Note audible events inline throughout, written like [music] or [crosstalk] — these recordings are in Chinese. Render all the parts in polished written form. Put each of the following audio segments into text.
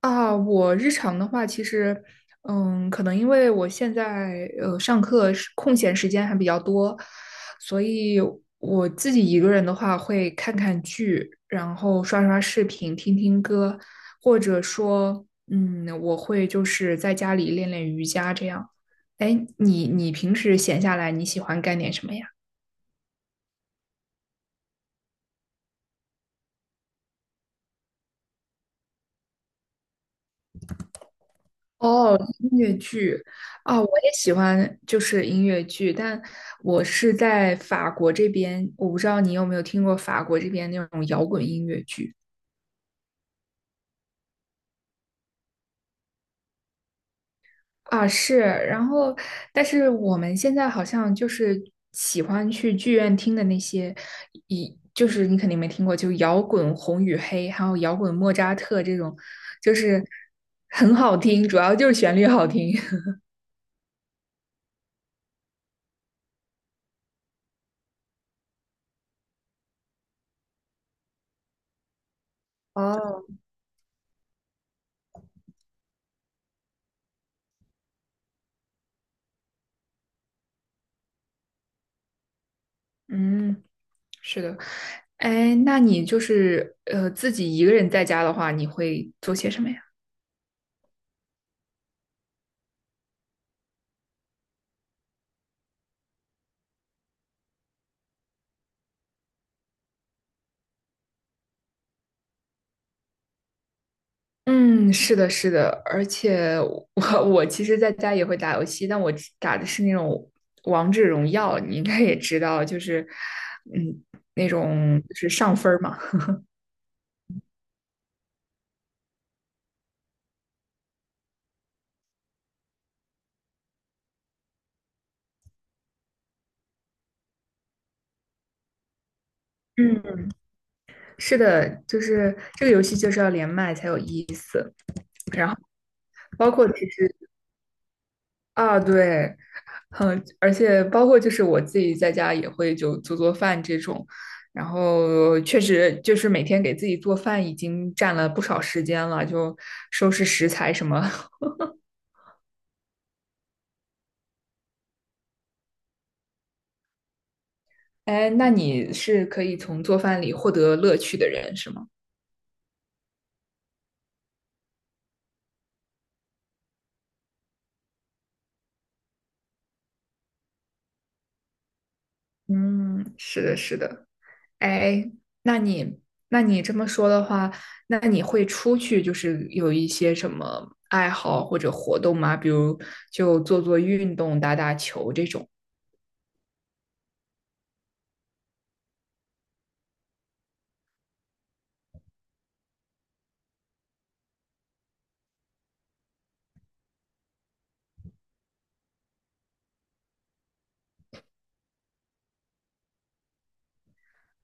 啊，我日常的话，其实，可能因为我现在上课是空闲时间还比较多，所以我自己一个人的话会看看剧，然后刷刷视频、听听歌，或者说，我会就是在家里练练瑜伽这样。哎，你平时闲下来你喜欢干点什么呀？哦，音乐剧啊，我也喜欢，就是音乐剧，但我是在法国这边，我不知道你有没有听过法国这边那种摇滚音乐剧啊，是，然后，但是我们现在好像就是喜欢去剧院听的那些，一就是你肯定没听过，就摇滚《红与黑》，还有摇滚莫扎特这种，就是很好听，主要就是旋律好听。[laughs] 哦，嗯，是的，哎，那你就是自己一个人在家的话，你会做些什么呀？嗯，是的，是的，而且我 [laughs] 我其实在家也会打游戏，但我只打的是那种王者荣耀，你应该也知道，就是嗯那种就是上分儿嘛。嗯，是的，就是这个游戏就是要连麦才有意思，然后包括其实啊，对，嗯，而且包括就是我自己在家也会就做做饭这种，然后确实就是每天给自己做饭已经占了不少时间了，就收拾食材什么。[laughs] 哎，那你是可以从做饭里获得乐趣的人是吗？嗯，是的，是的。哎，那你那你这么说的话，那你会出去就是有一些什么爱好或者活动吗？比如就做做运动、打打球这种。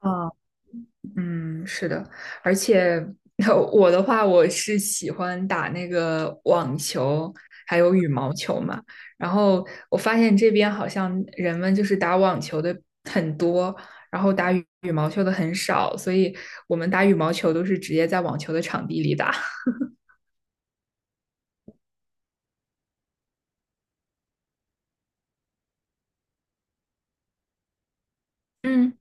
啊。嗯，是的，而且 [laughs] 我的话，我是喜欢打那个网球，还有羽毛球嘛。然后我发现这边好像人们就是打网球的很多，然后打羽毛球的很少，所以我们打羽毛球都是直接在网球的场地里打。嗯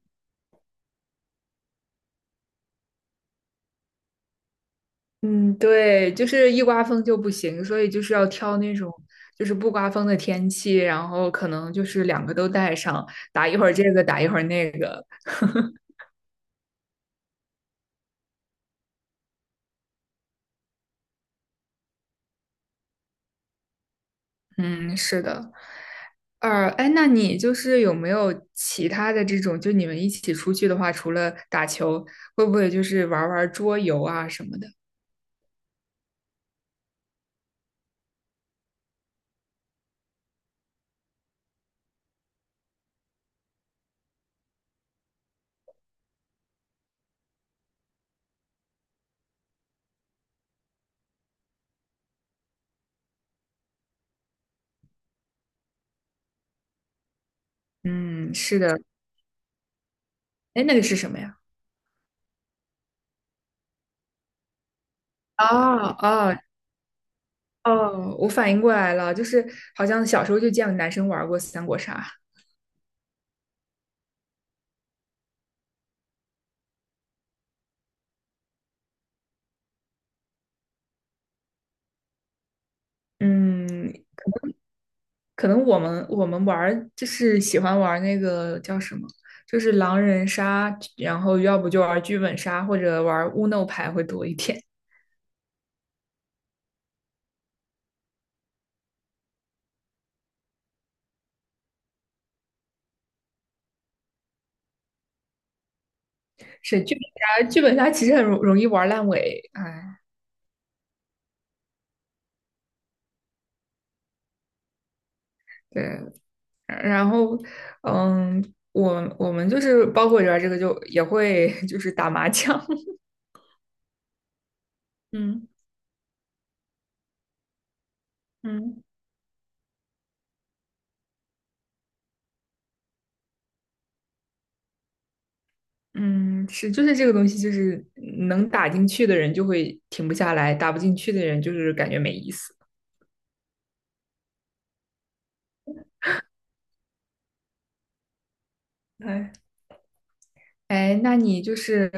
[laughs] 嗯，对，就是一刮风就不行，所以就是要挑那种就是不刮风的天气，然后可能就是两个都带上，打一会儿这个，打一会儿那个。嗯，是的。呃，哎，那你就是有没有其他的这种，就你们一起出去的话，除了打球，会不会就是玩儿玩儿桌游啊什么的？嗯，是的。哎，那个是什么呀？哦哦哦，我反应过来了，就是好像小时候就见过男生玩过三国杀。嗯，可能我们玩儿就是喜欢玩儿那个叫什么，就是狼人杀，然后要不就玩儿剧本杀或者玩儿乌弄牌会多一点。是剧本杀，剧本杀其实很容易玩烂尾，哎，对，然后，嗯，我们就是包括里边儿这个就也会就是打麻将，[laughs] 嗯嗯嗯，是就是这个东西就是能打进去的人就会停不下来，打不进去的人就是感觉没意思，哎。哎，那你就是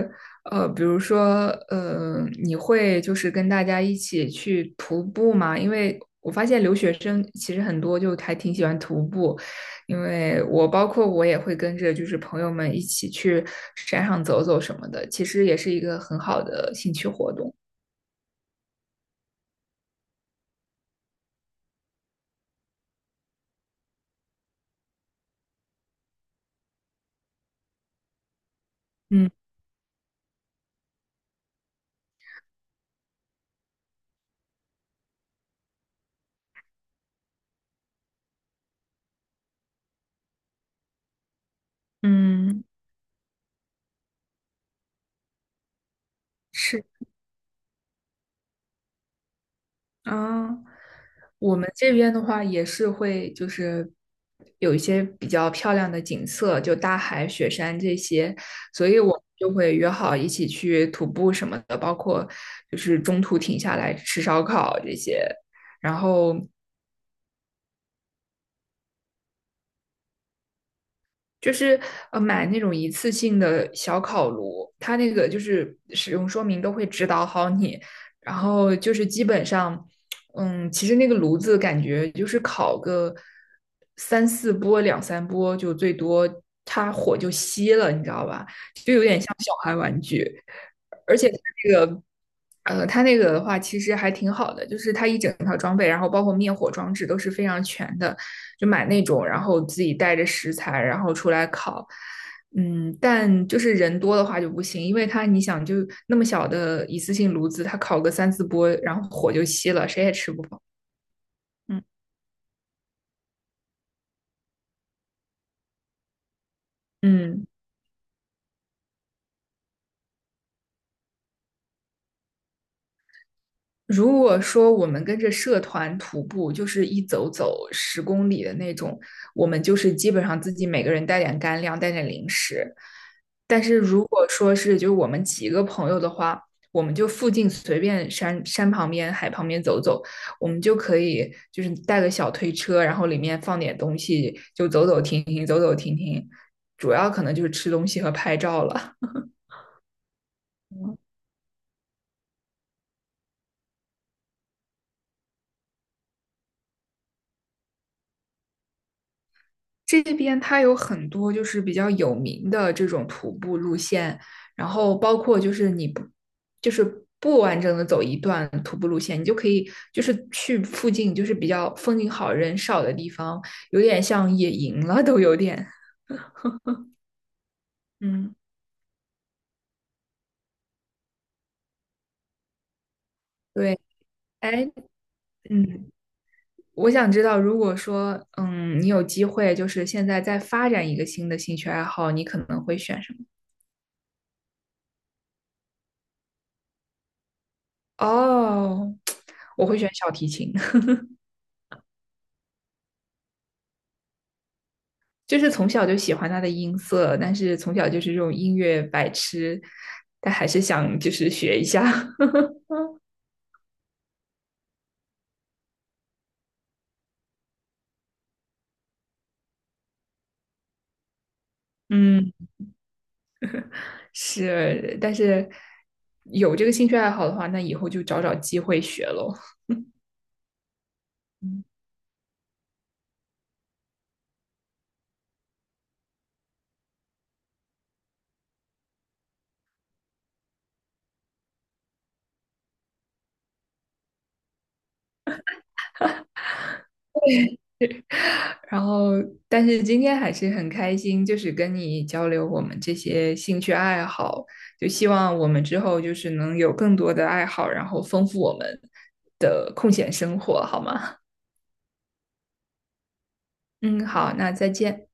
比如说你会就是跟大家一起去徒步吗？因为我发现留学生其实很多就还挺喜欢徒步，因为我包括我也会跟着就是朋友们一起去山上走走什么的，其实也是一个很好的兴趣活动。嗯。嗯，是。啊，我们这边的话也是会，就是有一些比较漂亮的景色，就大海、雪山这些，所以我们就会约好一起去徒步什么的，包括就是中途停下来吃烧烤这些。然后就是买那种一次性的小烤炉，它那个就是使用说明都会指导好你，然后就是基本上，嗯，其实那个炉子感觉就是烤个三四波、两三波就最多，它火就熄了，你知道吧？而且它那个，它那个的话其实还挺好的，就是它一整套装备，然后包括灭火装置都是非常全的，就买那种，然后自己带着食材，然后出来烤。嗯，但就是人多的话就不行，因为它你想就那么小的一次性炉子，它烤个三四波，然后火就熄了，谁也吃不饱。嗯嗯。如果说我们跟着社团徒步，就是一走走10公里的那种，我们就是基本上自己每个人带点干粮，带点零食。但是如果说是就是我们几个朋友的话，我们就附近随便山旁边、海旁边走走，我们就可以就是带个小推车，然后里面放点东西，就走走停停，走走停停，主要可能就是吃东西和拍照了。这边它有很多就是比较有名的这种徒步路线，然后包括就是你不就是不完整的走一段徒步路线，你就可以就是去附近就是比较风景好人少的地方，有点像野营了都有点。嗯，对，哎，嗯，我想知道，如果说你有机会就是现在再发展一个新的兴趣爱好，你可能会选什么？哦，[tsk] 我会选小提琴。就是从小就喜欢他的音色，但是从小就是这种音乐白痴，但还是想就是学一下 [laughs]。嗯，是，但是有这个兴趣爱好的话，那以后就找找机会学喽。然后，但是今天还是很开心，就是跟你交流我们这些兴趣爱好，就希望我们之后就是能有更多的爱好，然后丰富我们的空闲生活，好吗？嗯，好，那再见。